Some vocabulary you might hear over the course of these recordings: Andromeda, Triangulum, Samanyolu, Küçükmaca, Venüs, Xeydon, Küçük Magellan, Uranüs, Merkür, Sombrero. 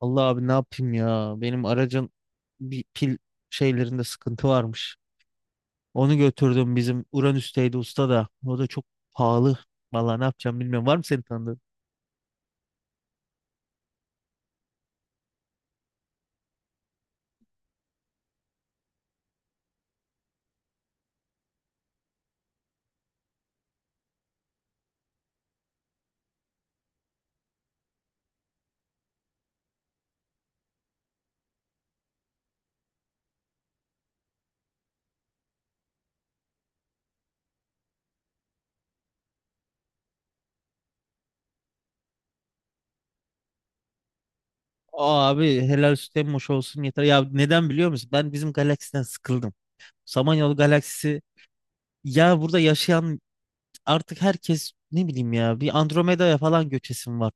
Allah abi ne yapayım ya? Benim aracın bir pil şeylerinde sıkıntı varmış. Onu götürdüm bizim Uranüs'teydi usta da. O da çok pahalı. Valla ne yapacağım bilmiyorum. Var mı senin tanıdığın? Aa abi helal süt emmoş olsun yeter. Ya neden biliyor musun? Ben bizim galaksiden sıkıldım. Samanyolu galaksisi ya burada yaşayan artık herkes ne bileyim ya bir Andromeda'ya falan göçesim var.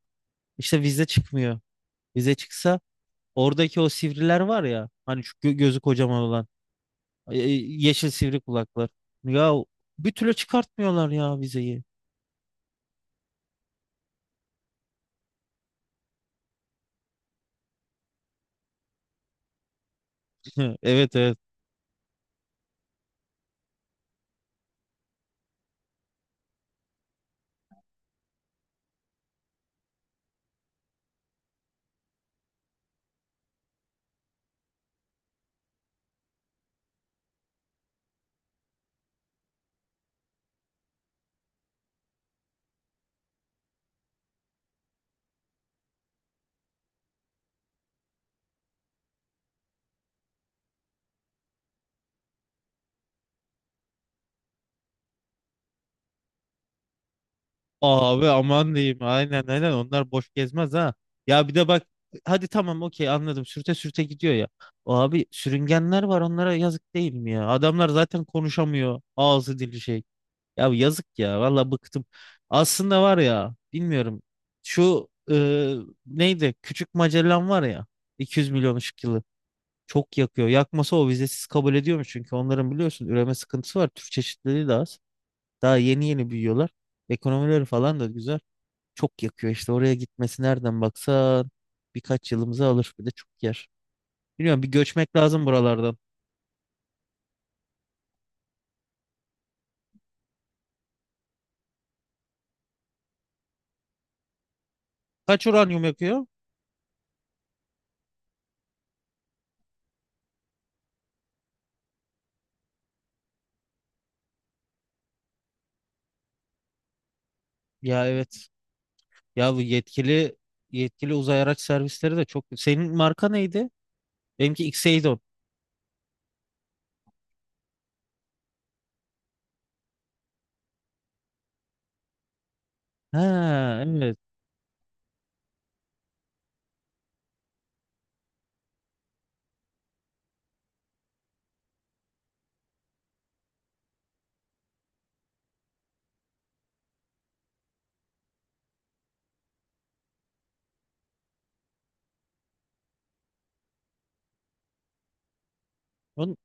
İşte vize çıkmıyor. Vize çıksa oradaki o sivriler var ya hani şu gözü kocaman olan. E, yeşil sivri kulaklar. Ya bir türlü çıkartmıyorlar ya vizeyi. Evet evet. Abi aman diyeyim. Aynen aynen onlar boş gezmez ha. Ya bir de bak hadi tamam okey anladım. Sürte sürte gidiyor ya. Abi sürüngenler var onlara yazık değil mi ya? Adamlar zaten konuşamıyor. Ağzı dili şey. Ya yazık ya valla bıktım. Aslında var ya bilmiyorum. Şu neydi? Küçük Magellan var ya. 200 milyon ışık yılı. Çok yakıyor. Yakmasa o vizesiz kabul ediyormuş. Çünkü onların biliyorsun üreme sıkıntısı var. Türk çeşitliliği de az. Daha yeni yeni büyüyorlar. Ekonomileri falan da güzel. Çok yakıyor işte oraya gitmesi nereden baksan birkaç yılımızı alır. Bir de çok yer. Biliyorum bir göçmek lazım buralardan. Kaç uranyum yakıyor? Ya evet. Ya bu yetkili yetkili uzay araç servisleri de çok. Senin marka neydi? Benimki Xeydon. Ha evet. On...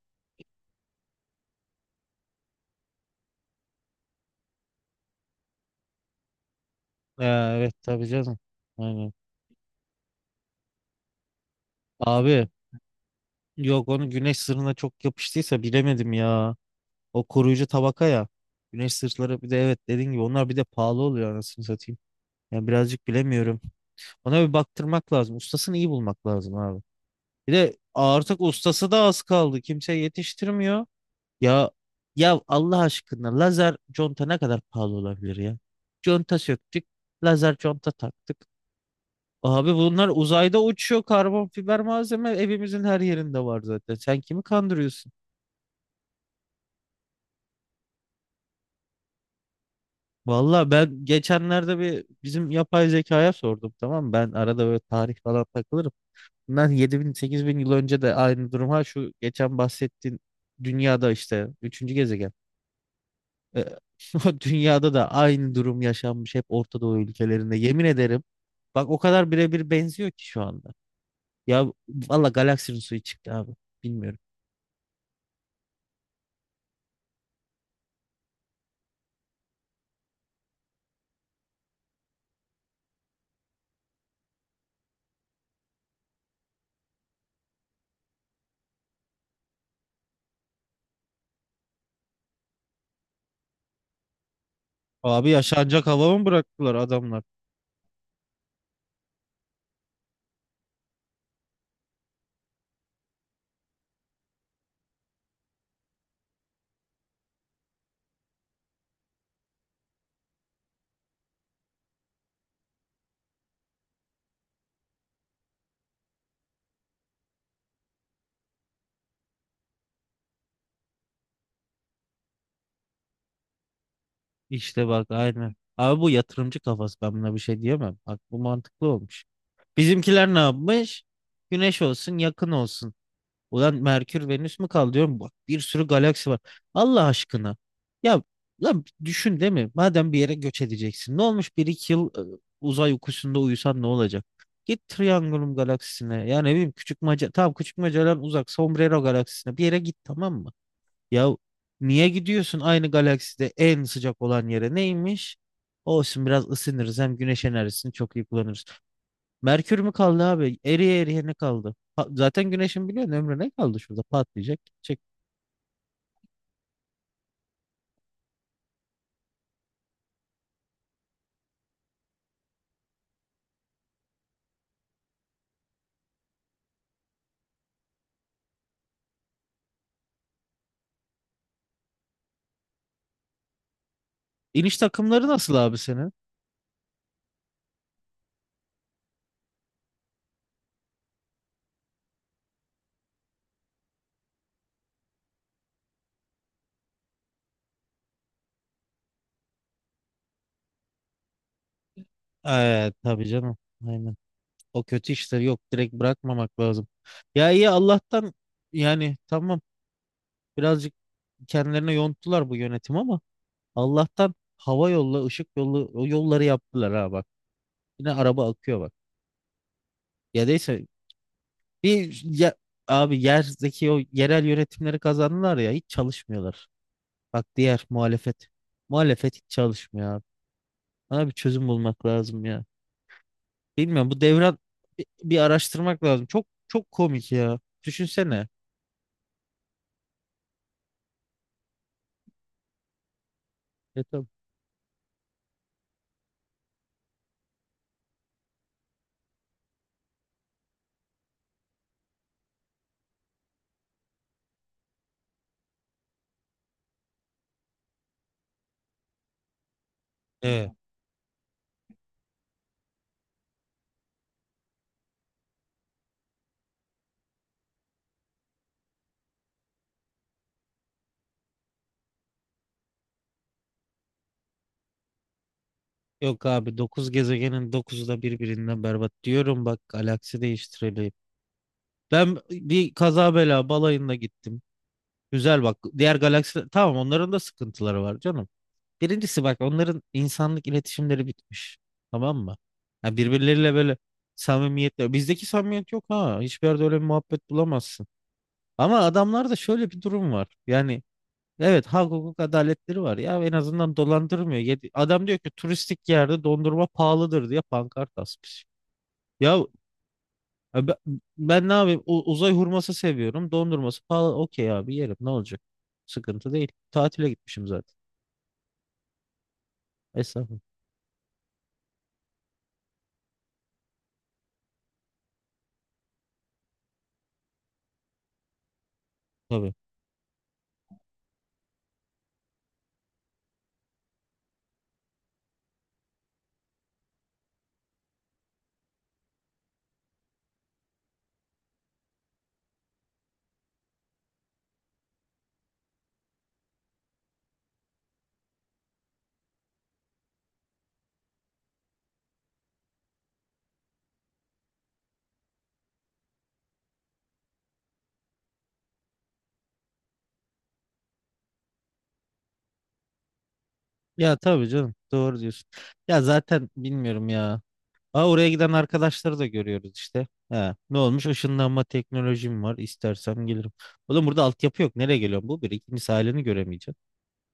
Ha, evet tabii canım. Aynen. Abi yok onu güneş sırrına çok yapıştıysa bilemedim ya. O koruyucu tabaka ya. Güneş sırtları bir de evet dediğin gibi onlar bir de pahalı oluyor anasını satayım. Yani birazcık bilemiyorum. Ona bir baktırmak lazım. Ustasını iyi bulmak lazım abi. Bir de artık ustası da az kaldı. Kimse yetiştirmiyor. Ya ya Allah aşkına lazer conta ne kadar pahalı olabilir ya? Conta söktük. Lazer conta taktık. Abi bunlar uzayda uçuyor. Karbon fiber malzeme evimizin her yerinde var zaten. Sen kimi kandırıyorsun? Valla ben geçenlerde bir bizim yapay zekaya sordum tamam mı? Ben arada böyle tarih falan takılırım. Bundan 7000 8000 yıl önce de aynı durum ha şu geçen bahsettiğin dünyada işte üçüncü gezegen. Ee, o dünyada da aynı durum yaşanmış hep Orta Doğu ülkelerinde. Yemin ederim bak o kadar birebir benziyor ki şu anda. Ya valla galaksinin suyu çıktı abi bilmiyorum. Abi yaşanacak hava mı bıraktılar adamlar? İşte bak aynen. Abi bu yatırımcı kafası ben buna bir şey diyemem. Bak bu mantıklı olmuş. Bizimkiler ne yapmış? Güneş olsun yakın olsun. Ulan Merkür Venüs mü kaldı diyorum. Bak bir sürü galaksi var. Allah aşkına. Ya lan düşün değil mi? Madem bir yere göç edeceksin. Ne olmuş bir iki yıl uzay uykusunda uyusan ne olacak? Git Triangulum galaksisine. Yani ne bileyim Küçükmaca. Tamam Küçükmaca'dan uzak. Sombrero galaksisine. Bir yere git tamam mı? Ya niye gidiyorsun aynı galakside en sıcak olan yere? Neymiş? Olsun biraz ısınırız hem güneş enerjisini çok iyi kullanırız. Merkür mü kaldı abi? Eriye eriye ne kaldı? Zaten güneşin biliyorsun ömrü ne kaldı şurada patlayacak. Çek. İniş takımları nasıl abi senin? Evet tabii canım. Aynen. O kötü işler yok direkt bırakmamak lazım. Ya iyi Allah'tan yani tamam birazcık kendilerine yonttular bu yönetim ama Allah'tan hava yolla ışık yolu o yolları yaptılar ha bak. Yine araba akıyor bak. Ya neyse bir ya, abi yerdeki o yerel yönetimleri kazandılar ya hiç çalışmıyorlar. Bak diğer muhalefet. Muhalefet hiç çalışmıyor abi. Bana bir çözüm bulmak lazım ya. Bilmiyorum bu devran bir araştırmak lazım. Çok çok komik ya. Düşünsene. E, tabii. Evet. Yok abi 9 gezegenin dokuzu da birbirinden berbat diyorum bak galaksi değiştirelim. Ben bir kaza bela balayında gittim. Güzel bak diğer galaksi tamam onların da sıkıntıları var canım. Birincisi bak onların insanlık iletişimleri bitmiş. Tamam mı? Ya birbirleriyle böyle samimiyetle. Bizdeki samimiyet yok ha. Hiçbir yerde öyle bir muhabbet bulamazsın. Ama adamlarda şöyle bir durum var. Yani evet hak hukuk adaletleri var ya en azından dolandırmıyor. Adam diyor ki turistik yerde dondurma pahalıdır diye pankart asmış. Ya e, be- ben ne yapayım uzay hurması seviyorum dondurması pahalı okey abi yerim ne olacak? Sıkıntı değil. Tatile gitmişim zaten. Estağfurullah. Tabii. Ya tabii canım doğru diyorsun. Ya zaten bilmiyorum ya. Aa, oraya giden arkadaşları da görüyoruz işte. Ha, ne olmuş? Işınlanma teknolojim var. İstersem gelirim. Oğlum burada altyapı yok. Nereye geliyorum? Bu bir. İkincisi aileni göremeyeceğim.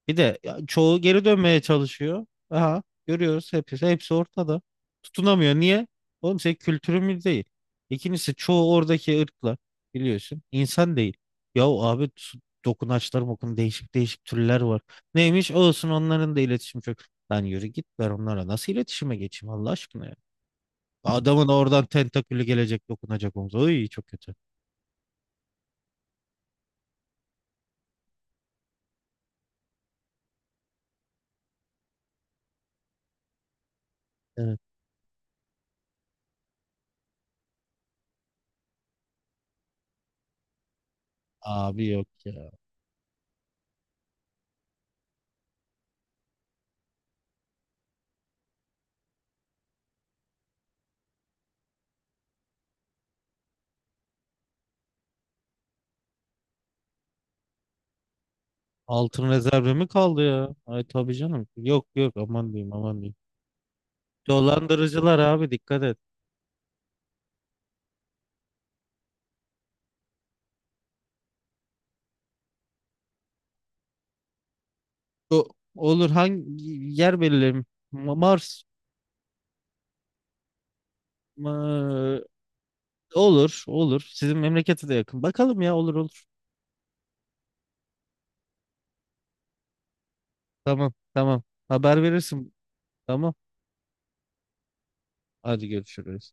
Bir de ya çoğu geri dönmeye çalışıyor. Aha görüyoruz hepsi, hepsi ortada. Tutunamıyor. Niye? Oğlum senin kültürün mü değil. İkincisi çoğu oradaki ırklar biliyorsun insan değil. Yahu abi dokunaçlar mokun değişik değişik türler var. Neymiş olsun onların da iletişim çok. Lan yürü git ben onlara nasıl iletişime geçeyim Allah aşkına ya. Adamın oradan tentakülü gelecek dokunacak omuza. Oy çok kötü. Evet. Abi yok ya. Altın rezervi mi kaldı ya? Ay tabii canım. Yok yok aman diyeyim aman diyeyim. Dolandırıcılar abi dikkat et. O- olur hangi yer belirleyelim? Ma- Mars mı? Olur olur. Sizin memlekete de yakın. Bakalım ya olur olur. Tamam tamam. Haber verirsin. Tamam. Hadi görüşürüz.